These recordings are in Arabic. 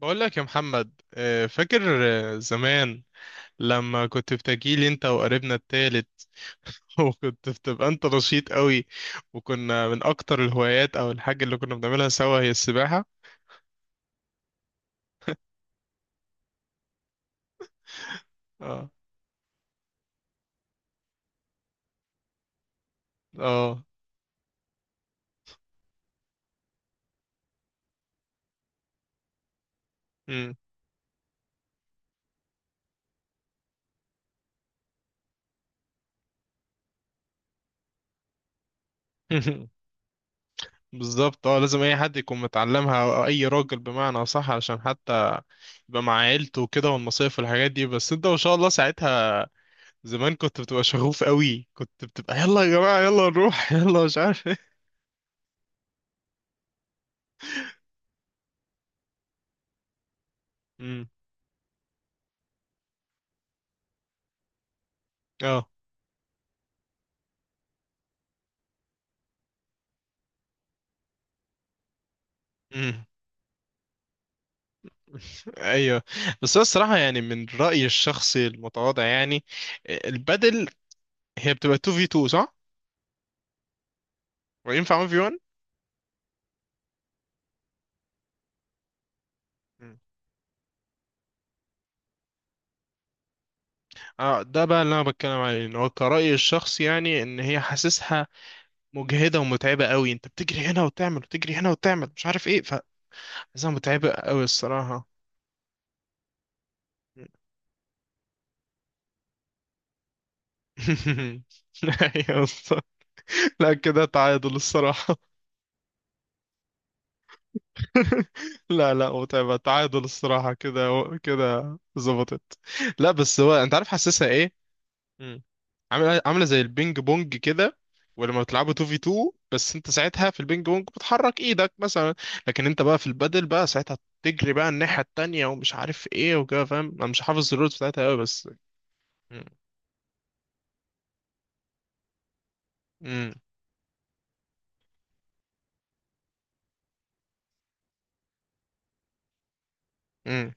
بقول لك يا محمد، فاكر. زمان لما كنت بتجيلي انت وقريبنا التالت. وكنت بتبقى انت نشيط قوي، وكنا من اكتر الهوايات او الحاجة اللي كنا بنعملها سوا هي السباحة. اه، اه. مم. بالظبط، اه لازم اي حد يكون متعلمها، او اي راجل بمعنى صح، عشان حتى يبقى مع عيلته وكده والمصايف والحاجات دي. بس انت ما شاء الله ساعتها زمان كنت بتبقى شغوف قوي، كنت بتبقى يلا يا جماعة يلا نروح، يلا مش عارف ايه. مم. اه. ايوه. بس هو الصراحه، يعني من رايي الشخصي المتواضع، يعني البدل هي بتبقى 2 في 2 صح؟ وينفع 1 في 1. اه، ده بقى اللي انا بتكلم عليه، ان هو كرأيي الشخصي يعني، ان هي حاسسها مجهده ومتعبه قوي، انت بتجري هنا وتعمل، وتجري هنا وتعمل، مش عارف ايه، فحاسسها متعبه قوي الصراحه. ايوه بالظبط. لا كده تعادل الصراحه. لا، لا متعبه، تعادل الصراحه كده، كده ظبطت. لا بس هو انت عارف حاسسها ايه؟ مم. عامله عامله زي البينج بونج كده، ولما بتلعبوا 2 في 2، بس انت ساعتها في البينج بونج بتحرك ايدك مثلا، لكن انت بقى في البادل بقى ساعتها تجري بقى الناحيه التانيه، ومش عارف ايه وكده. فاهم، انا مش حافظ الرولز بتاعتها قوي بس. مم. مم. مم.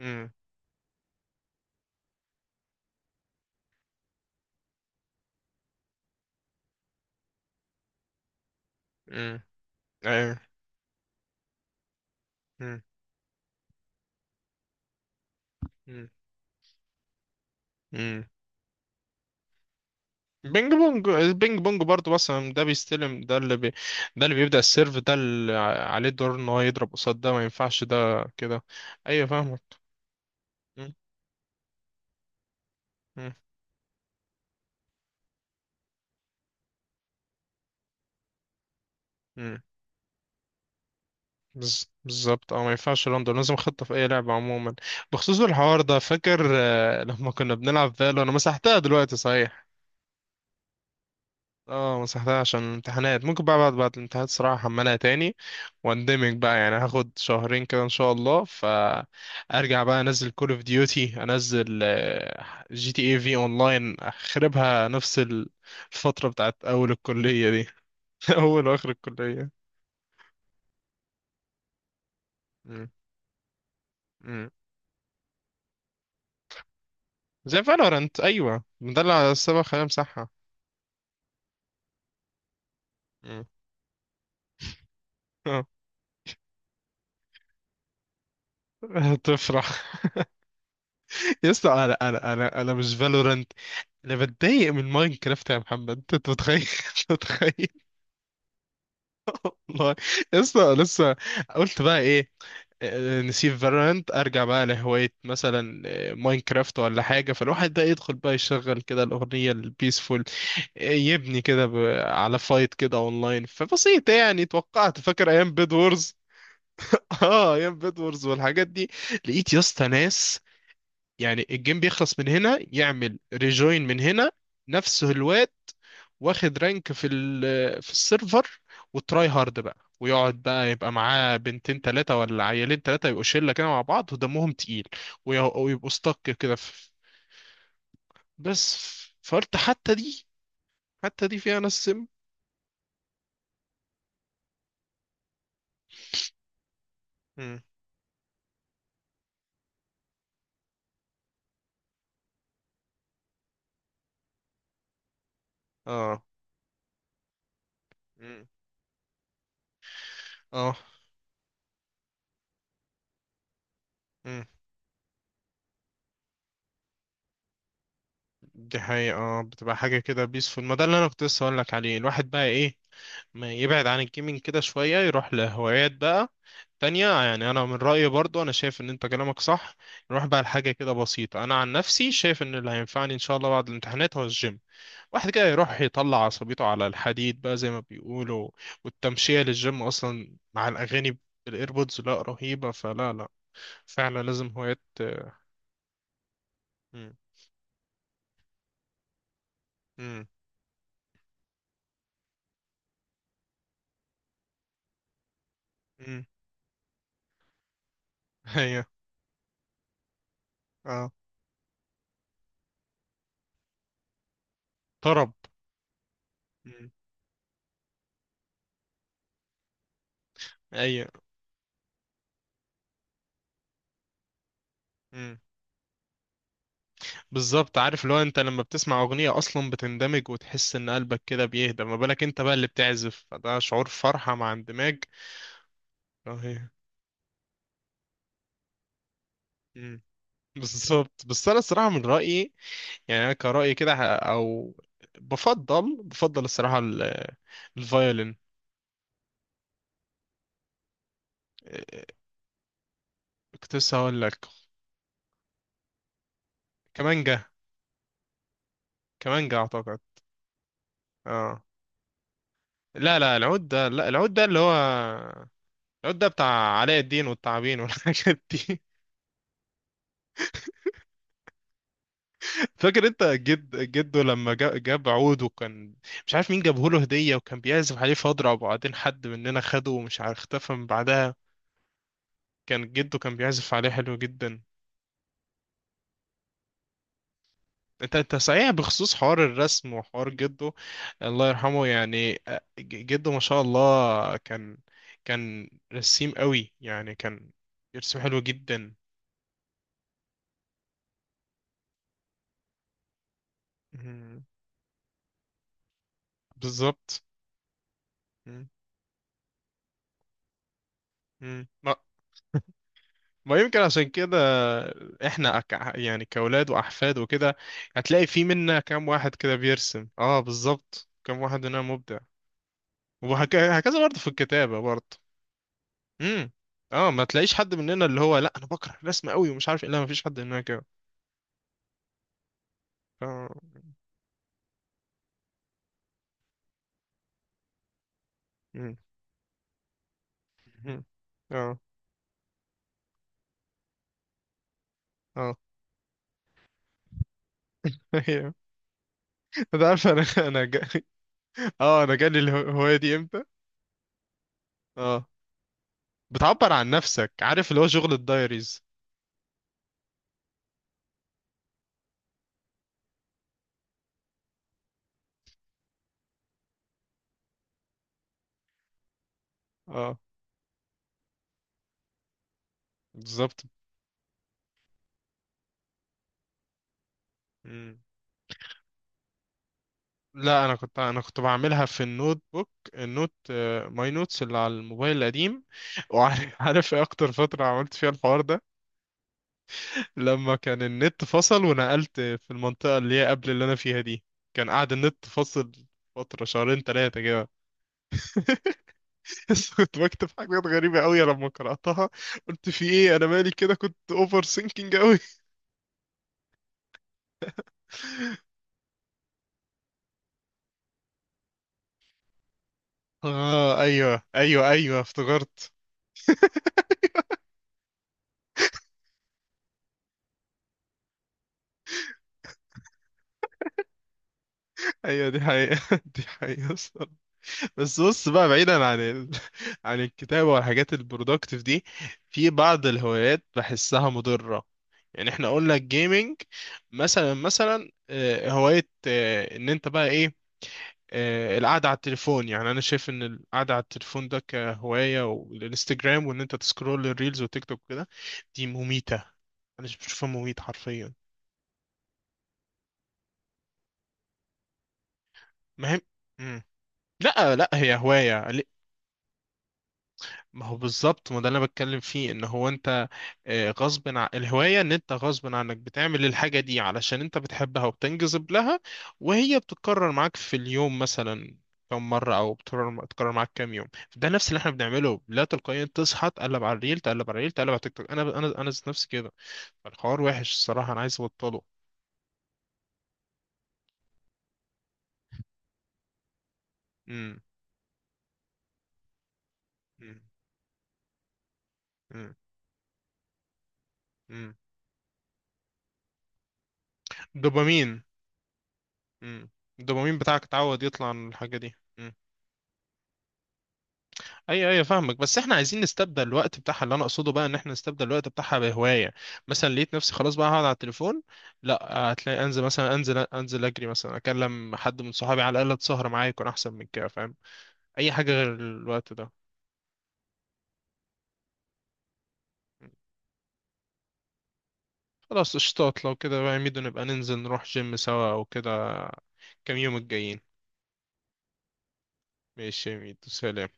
مم. مم. ايوه. مم. مم. مم. بينج بونج البينج بونج برضه، مثلا ده بيستلم ده ده اللي بيبدأ السيرف، ده اللي عليه الدور ان هو يضرب قصاد ده، ما ينفعش ده كده. ايوه فاهمك. مم. مم. مم. بالظبط، اه ما ينفعش لندن، لازم خطة في اي لعبة عموما. بخصوص الحوار ده، فاكر لما كنا بنلعب فالو، انا مسحتها دلوقتي صحيح. اه مسحتها عشان الامتحانات، ممكن بقى بعد الامتحانات صراحة احملها تاني، واندمج بقى يعني، هاخد شهرين كده ان شاء الله، فارجع بقى انزل كول اوف ديوتي، انزل جي تي اي في اونلاين، اخربها نفس الفترة بتاعت اول الكلية دي. اول واخر الكلية. مم. مم. زي فالورانت، ايوه ده اللي السبب خلينا امسحها. مم. آه. هتفرح. يا اسطى انا مش فالورانت، انا بتضايق من ماينكرافت يا محمد، انت متخيل؟ أنت متخيل. والله يا اسطى لسه. قلت بقى ايه؟ نسيب فالورانت، ارجع بقى لهوايه مثلا، ماينكرافت ولا حاجه، فالواحد بقى يدخل بقى يشغل كده الاغنيه البيسفول، يبني كده ب- على فايت كده اونلاين فبسيط يعني، توقعت فاكر ايام بيد وورز. اه ايام بيد وورز والحاجات دي. لقيت يا اسطى ناس، يعني الجيم بيخلص من هنا يعمل ريجوين من هنا، نفس الواد واخد رانك في السيرفر، وتراي هارد بقى، ويقعد بقى يبقى معاه بنتين تلاتة ولا عيالين تلاتة، يبقوا شلة كده مع بعض ودمهم تقيل، وي- ويبقوا استك كده في. بس فقلت حتى دي، حتى دي فيها ناس سم. مم. اه. مم. اه. مم. دي حقيقة، اه بتبقى حاجة كده بيسفول. ما ده اللي انا كنت لسه هقولك عليه، الواحد بقى ايه، ما يبعد عن الجيمنج كده شوية، يروح لهوايات بقى تانية يعني. أنا من رأيي برضو، أنا شايف إن أنت كلامك صح، نروح بقى لحاجة كده بسيطة. أنا عن نفسي شايف إن اللي هينفعني إن شاء الله بعد الامتحانات هو الجيم، واحد كده يروح يطلع عصبيته على الحديد بقى زي ما بيقولوا، والتمشية للجيم أصلا مع الأغاني بالإيربودز، لا رهيبة. فلا لا فعلا لازم هوايات. مم. مم. مم. أيوة. أه. طرب. مم. أيوة بالظبط، عارف اللي هو انت لما بتسمع اغنية اصلا بتندمج، وتحس ان قلبك كده بيهدى، ما بالك انت بقى اللي بتعزف، فده شعور فرحة مع اندماج رهيب. مم. بالظبط. بس انا الصراحة من رأيي يعني، انا كرأيي كده او بفضل الصراحة الفيولين. اه، كنت لسه هقول لك كمانجا. كمانجا اعتقد. اه. لا، لا العود ده، لا العود ده اللي هو العود ده بتاع علاء الدين والتعابين والحاجات دي. فاكر انت جد جده، لما جاب عود، وكان مش عارف مين جابه له هدية، وكان بيعزف عليه فاضرة، وبعدين حد مننا خده ومش عارف اختفى من بعدها. كان جده كان بيعزف عليه حلو جدا. انت انت صحيح بخصوص حوار الرسم وحوار جده، الله يرحمه. يعني جده ما شاء الله كان، كان رسيم قوي يعني، كان يرسم حلو جدا. مم. بالظبط. مم. مم. ما يمكن عشان كده احنا يعني كأولاد وأحفاد وكده، هتلاقي في منا كام واحد كده بيرسم. اه بالظبط، كام واحد مننا مبدع، وهكذا برضه في الكتابة برضه. امم. اه، ما تلاقيش حد مننا اللي هو لا انا بكره الرسم قوي ومش عارف إيه، لا ما فيش حد مننا كده. ف... مم. مم. اه. اه. أيوه. انت عارف اه، انا جالي الهواية دي امتى! اه بتعبر عن نفسك، عارف اللي هو شغل الدايريز. اه بالظبط. مم. لا، انا كنت بعملها في النوت بوك، النوت ماي نوتس اللي على الموبايل القديم. وعارف عارف ايه اكتر فتره عملت فيها الحوار ده؟ لما كان النت فصل، ونقلت في المنطقه اللي هي قبل اللي انا فيها دي، كان قاعد النت فصل فتره شهرين ثلاثه كده. بس كنت بكتب حاجات غريبه قوي، لما قراتها قلت في ايه انا مالي كده، كنت اوفر سينكينج قوي. اه ايوه ايوه ايوه افتكرت. ايوه دي حقيقه. دي حقيقه. بس بص بقى، بعيدا عن ال... عن الكتابة والحاجات البرودكتيف دي، في بعض الهوايات بحسها مضرة. يعني احنا قلنا الجيمنج، مثلا هواية ان انت بقى ايه، القعدة على التليفون. يعني انا شايف ان القعدة على التليفون ده كهواية، والانستجرام، وان انت تسكرول الريلز وتيك توك كده، دي مميتة. انا بشوفها مميت حرفيا. مهم. مم. لا لا هي هواية، ما هو بالظبط، ما ده اللي انا بتكلم فيه ان هو انت غصب عن الهوايه، ان انت غصب عنك بتعمل الحاجه دي علشان انت بتحبها وبتنجذب لها، وهي بتتكرر معاك في اليوم مثلا كم مره، او بتكرر معاك كام يوم. ده نفس اللي احنا بنعمله، لا تلقائيا تصحى تقلب على الريل، تقلب على الريل، تقلب على تيك توك. انا ذات نفسي كده، الحوار وحش الصراحه، انا عايز ابطله. امم. امم. امم. امم. دوبامين. امم. الدوبامين بتاعك اتعود يطلع عن الحاجه دي. إمم. ايوه ايوه فاهمك، بس احنا عايزين نستبدل الوقت بتاعها. اللي انا اقصده بقى، ان احنا نستبدل الوقت بتاعها بهوايه، مثلا لقيت نفسي خلاص بقى هقعد على التليفون، لا، هتلاقي انزل مثلا، انزل انزل اجري مثلا، اكلم حد من صحابي على الاقل تسهر معايا يكون احسن من كده، فاهم اي حاجه غير الوقت ده. خلاص قشطات، لو كده بقى يا ميدو نبقى ننزل نروح جيم سوا او كده، كام يوم الجايين. ماشي يا ميدو، سلام.